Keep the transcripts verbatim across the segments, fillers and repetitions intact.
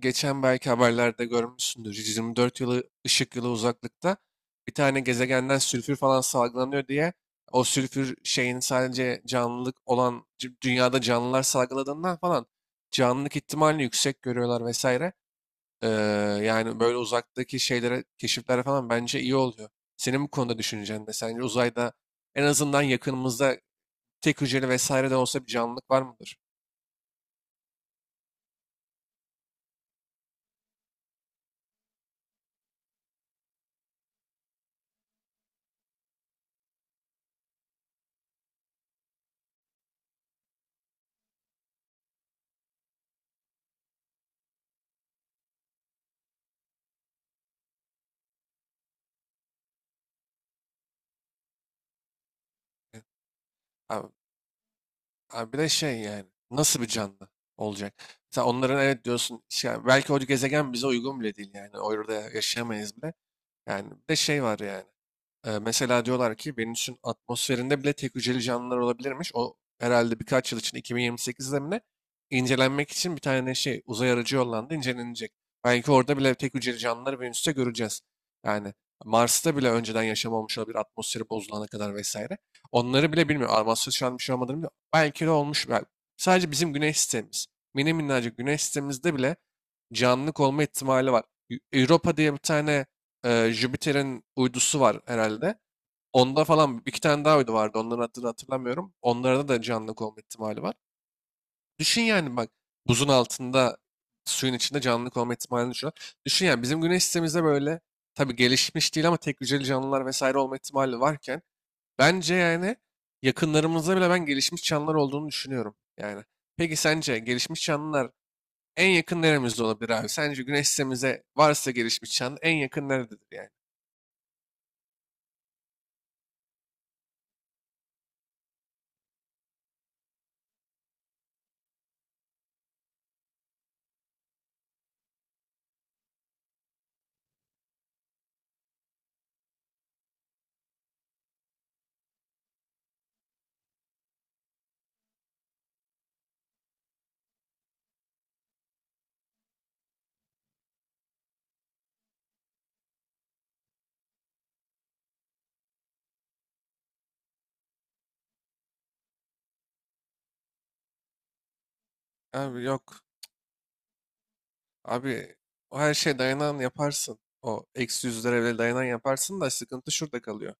Geçen belki haberlerde görmüşsündür. Yüz yirmi dört yılı ışık yılı uzaklıkta bir tane gezegenden sülfür falan salgılanıyor diye o sülfür şeyin sadece canlılık olan c- dünyada canlılar salgıladığından falan canlılık ihtimalini yüksek görüyorlar vesaire. Ee, Yani böyle uzaktaki şeylere, keşiflere falan bence iyi oluyor. Senin bu konuda düşüncen de, sence uzayda en azından yakınımızda tek hücreli vesaire de olsa bir canlılık var mıdır? Yani, abi, Abi bir de şey yani, nasıl bir canlı olacak? Sen onların evet diyorsun, şey, belki o gezegen bize uygun bile değil, yani orada yaşayamayız bile. Yani bir de şey var yani. Ee, mesela diyorlar ki Venüs'ün atmosferinde bile tek hücreli canlılar olabilirmiş. O, herhalde birkaç yıl için iki bin yirmi sekizde mi ne, incelenmek için bir tane şey, uzay aracı yollandı, incelenecek. Belki orada bile tek hücreli canlıları Venüs'te göreceğiz. Yani Mars'ta bile önceden yaşam olmuş olabilir, atmosferi bozulana kadar vesaire. Onları bile bilmiyor. Atmosfer şu an bir şey olmadığını bilmiyor. Belki de olmuş. Bel- Sadece bizim güneş sistemimiz. Mini minnacık güneş sistemimizde bile canlılık olma ihtimali var. Eu- Europa diye bir tane, e, Jüpiter'in uydusu var herhalde. Onda falan iki tane daha uydu vardı. Onların adını hatırlamıyorum. Onlarda da canlılık olma ihtimali var. Düşün yani, bak, buzun altında, suyun içinde canlılık olma ihtimalini düşün. Düşün yani, bizim güneş sistemimizde böyle, tabii gelişmiş değil ama tek hücreli canlılar vesaire olma ihtimali varken, bence yani yakınlarımızda bile ben gelişmiş canlılar olduğunu düşünüyorum yani. Peki sence gelişmiş canlılar en yakın neremizde olabilir abi? Sence güneş sistemimize varsa gelişmiş canlı en yakın nerededir yani? Abi yok, abi, o her şeye dayanan yaparsın. O eksi yüzlere bile dayanan yaparsın, da sıkıntı şurada kalıyor.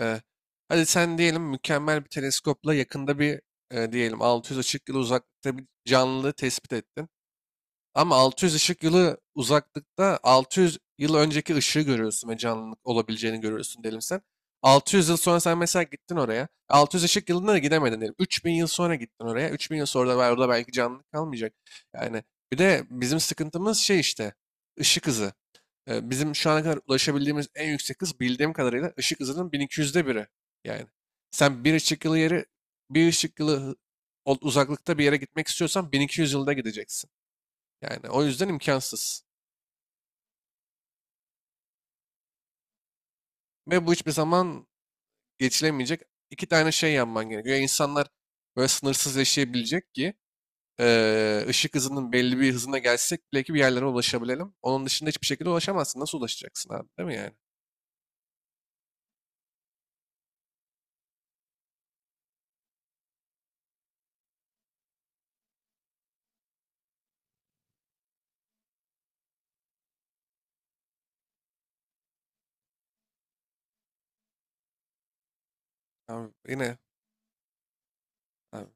Ee, hadi sen diyelim, mükemmel bir teleskopla yakında bir, e, diyelim altı yüz ışık yılı uzakta bir canlı tespit ettin. Ama altı yüz ışık yılı uzaklıkta altı yüz yıl önceki ışığı görüyorsun ve canlılık olabileceğini görüyorsun diyelim sen. altı yüz yıl sonra sen mesela gittin oraya. altı yüz ışık yılına da gidemedin diyelim. üç bin yıl sonra gittin oraya. üç bin yıl sonra da var- orada belki canlılık kalmayacak. Yani bir de bizim sıkıntımız şey işte, ışık hızı. Ee, Bizim şu ana kadar ulaşabildiğimiz en yüksek hız, bildiğim kadarıyla ışık hızının bin iki yüzde biri. Yani sen bir ışık yılı yeri bir ışık yılı hı- uzaklıkta bir yere gitmek istiyorsan bin iki yüz yılda gideceksin. Yani o yüzden imkansız. Ve bu hiçbir zaman geçilemeyecek. İki tane şey yapman gerekiyor. Ya, İnsanlar böyle sınırsız yaşayabilecek ki, eee, ışık hızının belli bir hızına gelsek bile ki bir yerlere ulaşabilelim. Onun dışında hiçbir şekilde ulaşamazsın. Nasıl ulaşacaksın abi? Değil mi yani? Abi yine abi.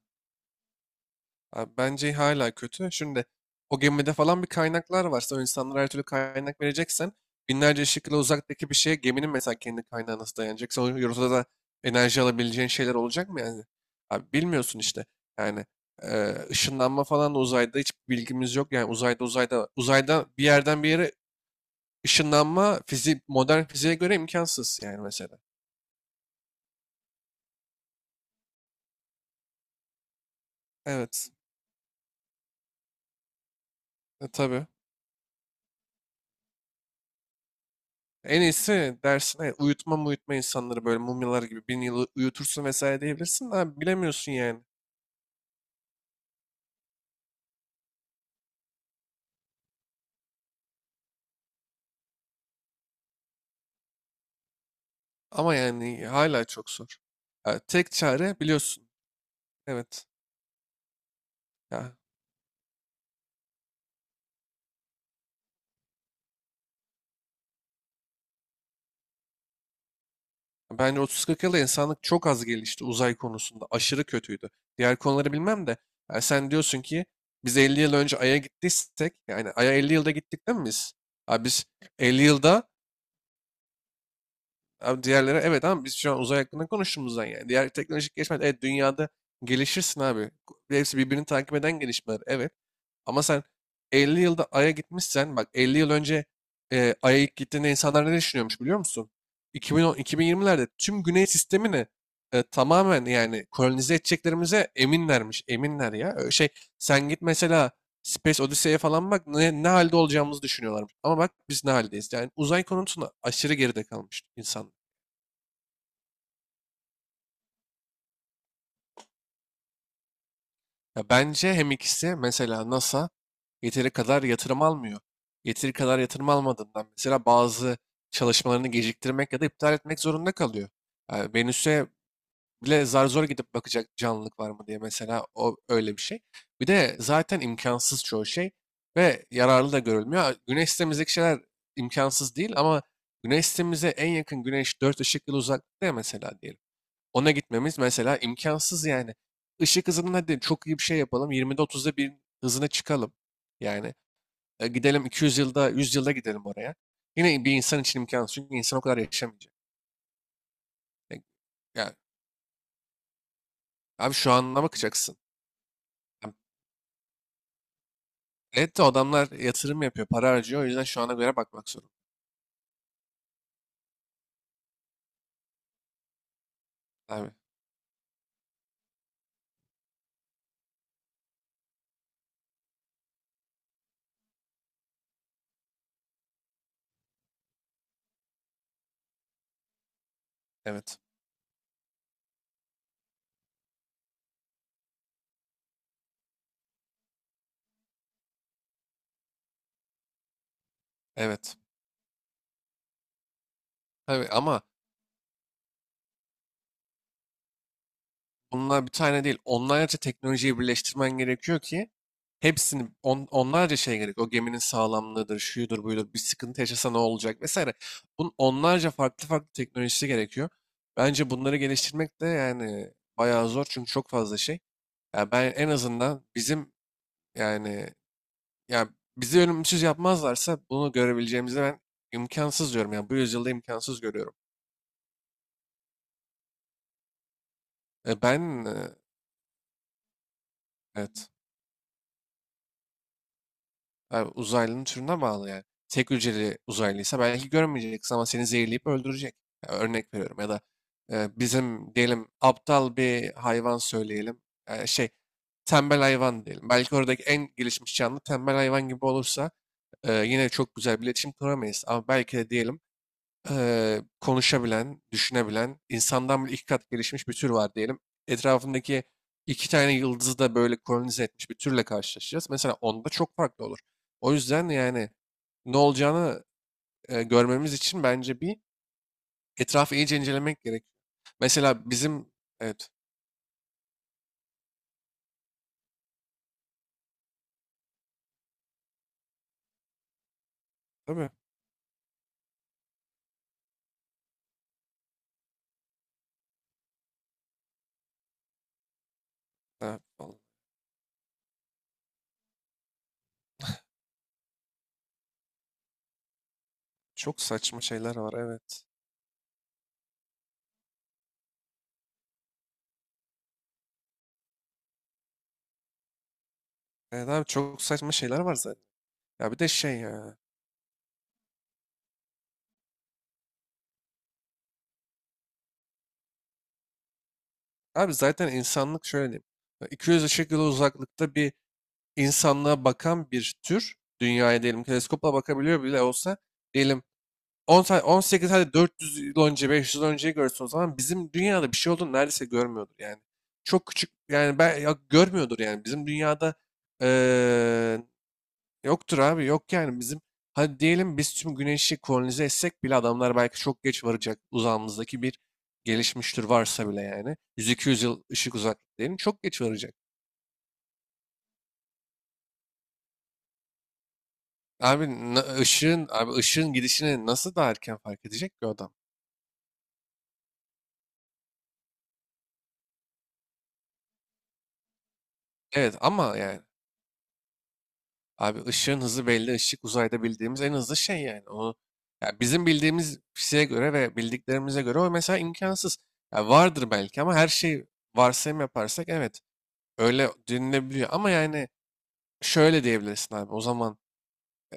Abi bence hala kötü. Şimdi, o gemide falan bir kaynaklar varsa, o insanlara her türlü kaynak vereceksen, binlerce ışık yılı uzaktaki bir şeye geminin mesela kendi kaynağı nasıl dayanacak? Sonra ortada da enerji alabileceğin şeyler olacak mı yani? Abi bilmiyorsun işte. Yani e, ışınlanma falan da uzayda hiç bilgimiz yok. Yani uzayda uzayda uzayda bir yerden bir yere ışınlanma, fizik, modern fiziğe göre imkansız yani mesela. Evet. E, tabii. En iyisi dersine, uyutma uyutma insanları böyle mumyalar gibi bin yıl uyutursun vesaire diyebilirsin. Abi bilemiyorsun yani. Ama yani hala çok zor. Ya tek çare biliyorsun. Evet. Ya, bence otuz kırk yılda insanlık çok az gelişti uzay konusunda. Aşırı kötüydü. Diğer konuları bilmem de. Ya sen diyorsun ki biz elli yıl önce Ay'a gittiysek, yani Ay'a elli yılda gittik değil mi biz? Abi biz elli yılda. Abi, diğerleri evet, ama biz şu an uzay hakkında konuştuğumuzdan yani. Diğer teknolojik gelişmeler, evet, dünyada gelişirsin abi. Hepsi birbirini takip eden gelişmeler, evet. Ama sen elli yılda Ay'a gitmişsen, bak elli yıl önce, e, Ay'a ilk gittiğinde insanlar ne düşünüyormuş biliyor musun? iki bin on, iki bin yirmilerde tüm güney sistemini e, tamamen yani kolonize edeceklerimize eminlermiş. Eminler ya. Ö- Şey, sen git mesela Space Odyssey'e falan bak, ne, ne halde olacağımızı düşünüyorlarmış. Ama bak biz ne haldeyiz. Yani uzay konusunda aşırı geride kalmış insan. Ya bence hem ikisi, mesela NASA yeteri kadar yatırım almıyor. Yeteri kadar yatırım almadığından mesela bazı çalışmalarını geciktirmek ya da iptal etmek zorunda kalıyor. Yani Venüs'e bile zar zor gidip bakacak canlılık var mı diye, mesela o öyle bir şey. Bir de zaten imkansız çoğu şey ve yararlı da görülmüyor. Ha, Güneş sistemimizdeki şeyler imkansız değil, ama Güneş sistemimize en yakın Güneş dört ışık yılı uzaklıkta ya mesela, diyelim. Ona gitmemiz mesela imkansız yani. Işık hızının, hadi çok iyi bir şey yapalım, yirmide otuzda bir hızına çıkalım. Yani e, gidelim, iki yüz yılda, yüz yılda gidelim oraya. Yine bir insan için imkansız. Çünkü insan o kadar yaşamayacak. E, Ya, abi, şu anına bakacaksın. Ya, evet de adamlar yatırım yapıyor, para harcıyor. O yüzden şu ana göre bakmak zorunda. Abi evet. Evet. Tabii ama bunlar bir tane değil. Onlarca teknolojiyi birleştirmen gerekiyor ki. Hepsini on, onlarca şey gerek. O geminin sağlamlığıdır, şuyudur, buyudur. Bir sıkıntı yaşasa ne olacak vesaire. Bunun onlarca farklı farklı teknolojisi gerekiyor. Bence bunları geliştirmek de yani bayağı zor, çünkü çok fazla şey. Ya ben en azından bizim yani, ya bizi ölümsüz yapmazlarsa bunu görebileceğimizi ben imkansız diyorum. Yani bu yüzyılda imkansız görüyorum. E ben e, evet. Abi uzaylının türüne bağlı yani. Tek hücreli uzaylıysa belki görmeyeceksin, ama seni zehirleyip öldürecek. Ya örnek veriyorum, ya da e, bizim diyelim aptal bir hayvan söyleyelim. E, şey, tembel hayvan diyelim. Belki oradaki en gelişmiş canlı tembel hayvan gibi olursa e, yine çok güzel bir iletişim kuramayız. Ama belki de diyelim eee, konuşabilen, düşünebilen, insandan bile iki kat gelişmiş bir tür var diyelim. Etrafındaki iki tane yıldızı da böyle kolonize etmiş bir türle karşılaşacağız. Mesela onda çok farklı olur. O yüzden yani ne olacağını, e, görmemiz için bence bir etrafı iyice incelemek gerek. Mesela bizim, evet, tabii, ha, vallahi çok saçma şeyler var, evet. Evet abi, çok saçma şeyler var zaten. Ya bir de şey ya. Abi zaten insanlık şöyle diyeyim. iki yüz ışık yılı uzaklıkta bir insanlığa bakan bir tür, dünyaya diyelim teleskopla bakabiliyor bile olsa, diyelim on sa- on sekiz, hadi dört yüz yıl önce, beş yüz yıl önceyi görsün, o zaman bizim dünyada bir şey olduğunu neredeyse görmüyordur yani. Çok küçük yani, ben ya görmüyordur yani bizim dünyada, eee, yoktur abi, yok yani bizim, hadi diyelim biz tüm güneşi kolonize etsek bile, adamlar belki çok geç varacak, uzağımızdaki bir gelişmiş tür varsa bile, yani yüz iki yüz yıl ışık uzak diyelim, çok geç varacak. Abi na- ışığın, abi, ışığın gidişini nasıl daha erken fark edecek ki o adam? Evet, ama yani abi ışığın hızı belli. Işık uzayda bildiğimiz en hızlı şey yani. O, ya bizim bildiğimiz fiziğe göre ve bildiklerimize göre o mesela imkansız. Ya vardır belki, ama her şey, varsayım yaparsak evet öyle denilebiliyor. Ama yani şöyle diyebilirsin abi o zaman,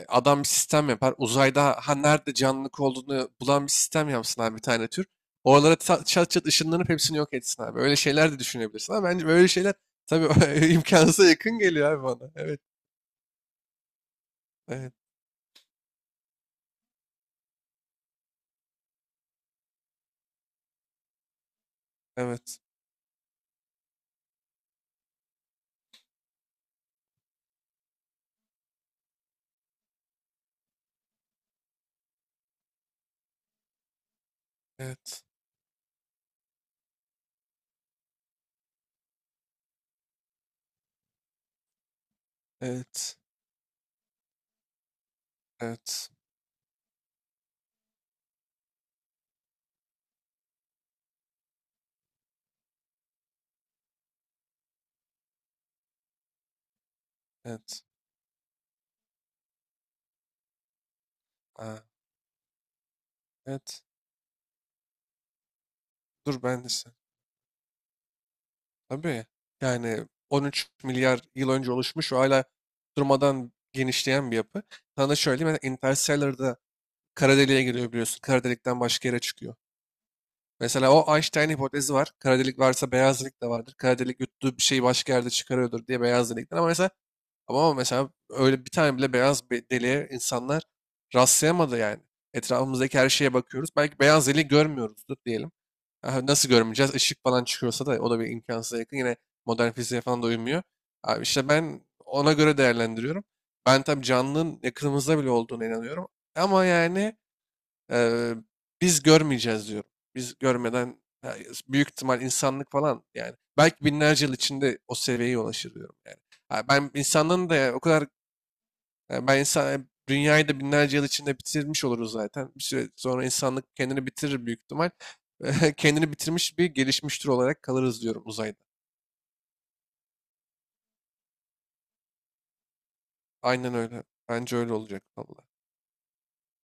adam bir sistem yapar. Uzayda, ha nerede canlılık olduğunu bulan bir sistem yapsın abi, bir tane tür. Oralara ta- çat çat ışınlanıp hepsini yok etsin abi. Öyle şeyler de düşünebilirsin, ama bence böyle şeyler tabii imkansıza yakın geliyor abi bana. Evet. Evet. Evet. Evet. Evet. Evet. Evet. Aa, evet. Dur ben de sen. Tabii. Yani on üç milyar yıl önce oluşmuş ve hala durmadan genişleyen bir yapı. Sana da şöyle diyeyim. Mesela Interstellar'da kara deliğe giriyor biliyorsun. Kara delikten başka yere çıkıyor. Mesela o Einstein hipotezi var. Kara delik varsa beyaz delik de vardır. Kara delik yuttuğu bir şeyi başka yerde çıkarıyordur, diye, beyaz delikten. Ama mesela ama mesela öyle bir tane bile beyaz bir deliğe insanlar rastlayamadı yani. Etrafımızdaki her şeye bakıyoruz. Belki beyaz deliği görmüyoruzdur diyelim. Aha, nasıl görmeyeceğiz? Işık falan çıkıyorsa da o da bir imkansıza yakın. Yine modern fiziğe falan da uymuyor. Abi işte ben ona göre değerlendiriyorum. Ben tabii canlının yakınımızda bile olduğuna inanıyorum. Ama yani, Eee, biz görmeyeceğiz diyorum. Biz görmeden ha, büyük ihtimal insanlık falan yani. Belki binlerce yıl içinde o seviyeye ulaşır diyorum yani. Ha, ben insanlığın da yani o kadar, yani ben insan, e, dünyayı da binlerce yıl içinde bitirmiş oluruz zaten. Bir süre sonra insanlık kendini bitirir büyük ihtimal. Kendini bitirmiş bir gelişmiş tür olarak kalırız diyorum uzayda. Aynen öyle. Bence öyle olacak. Vallahi.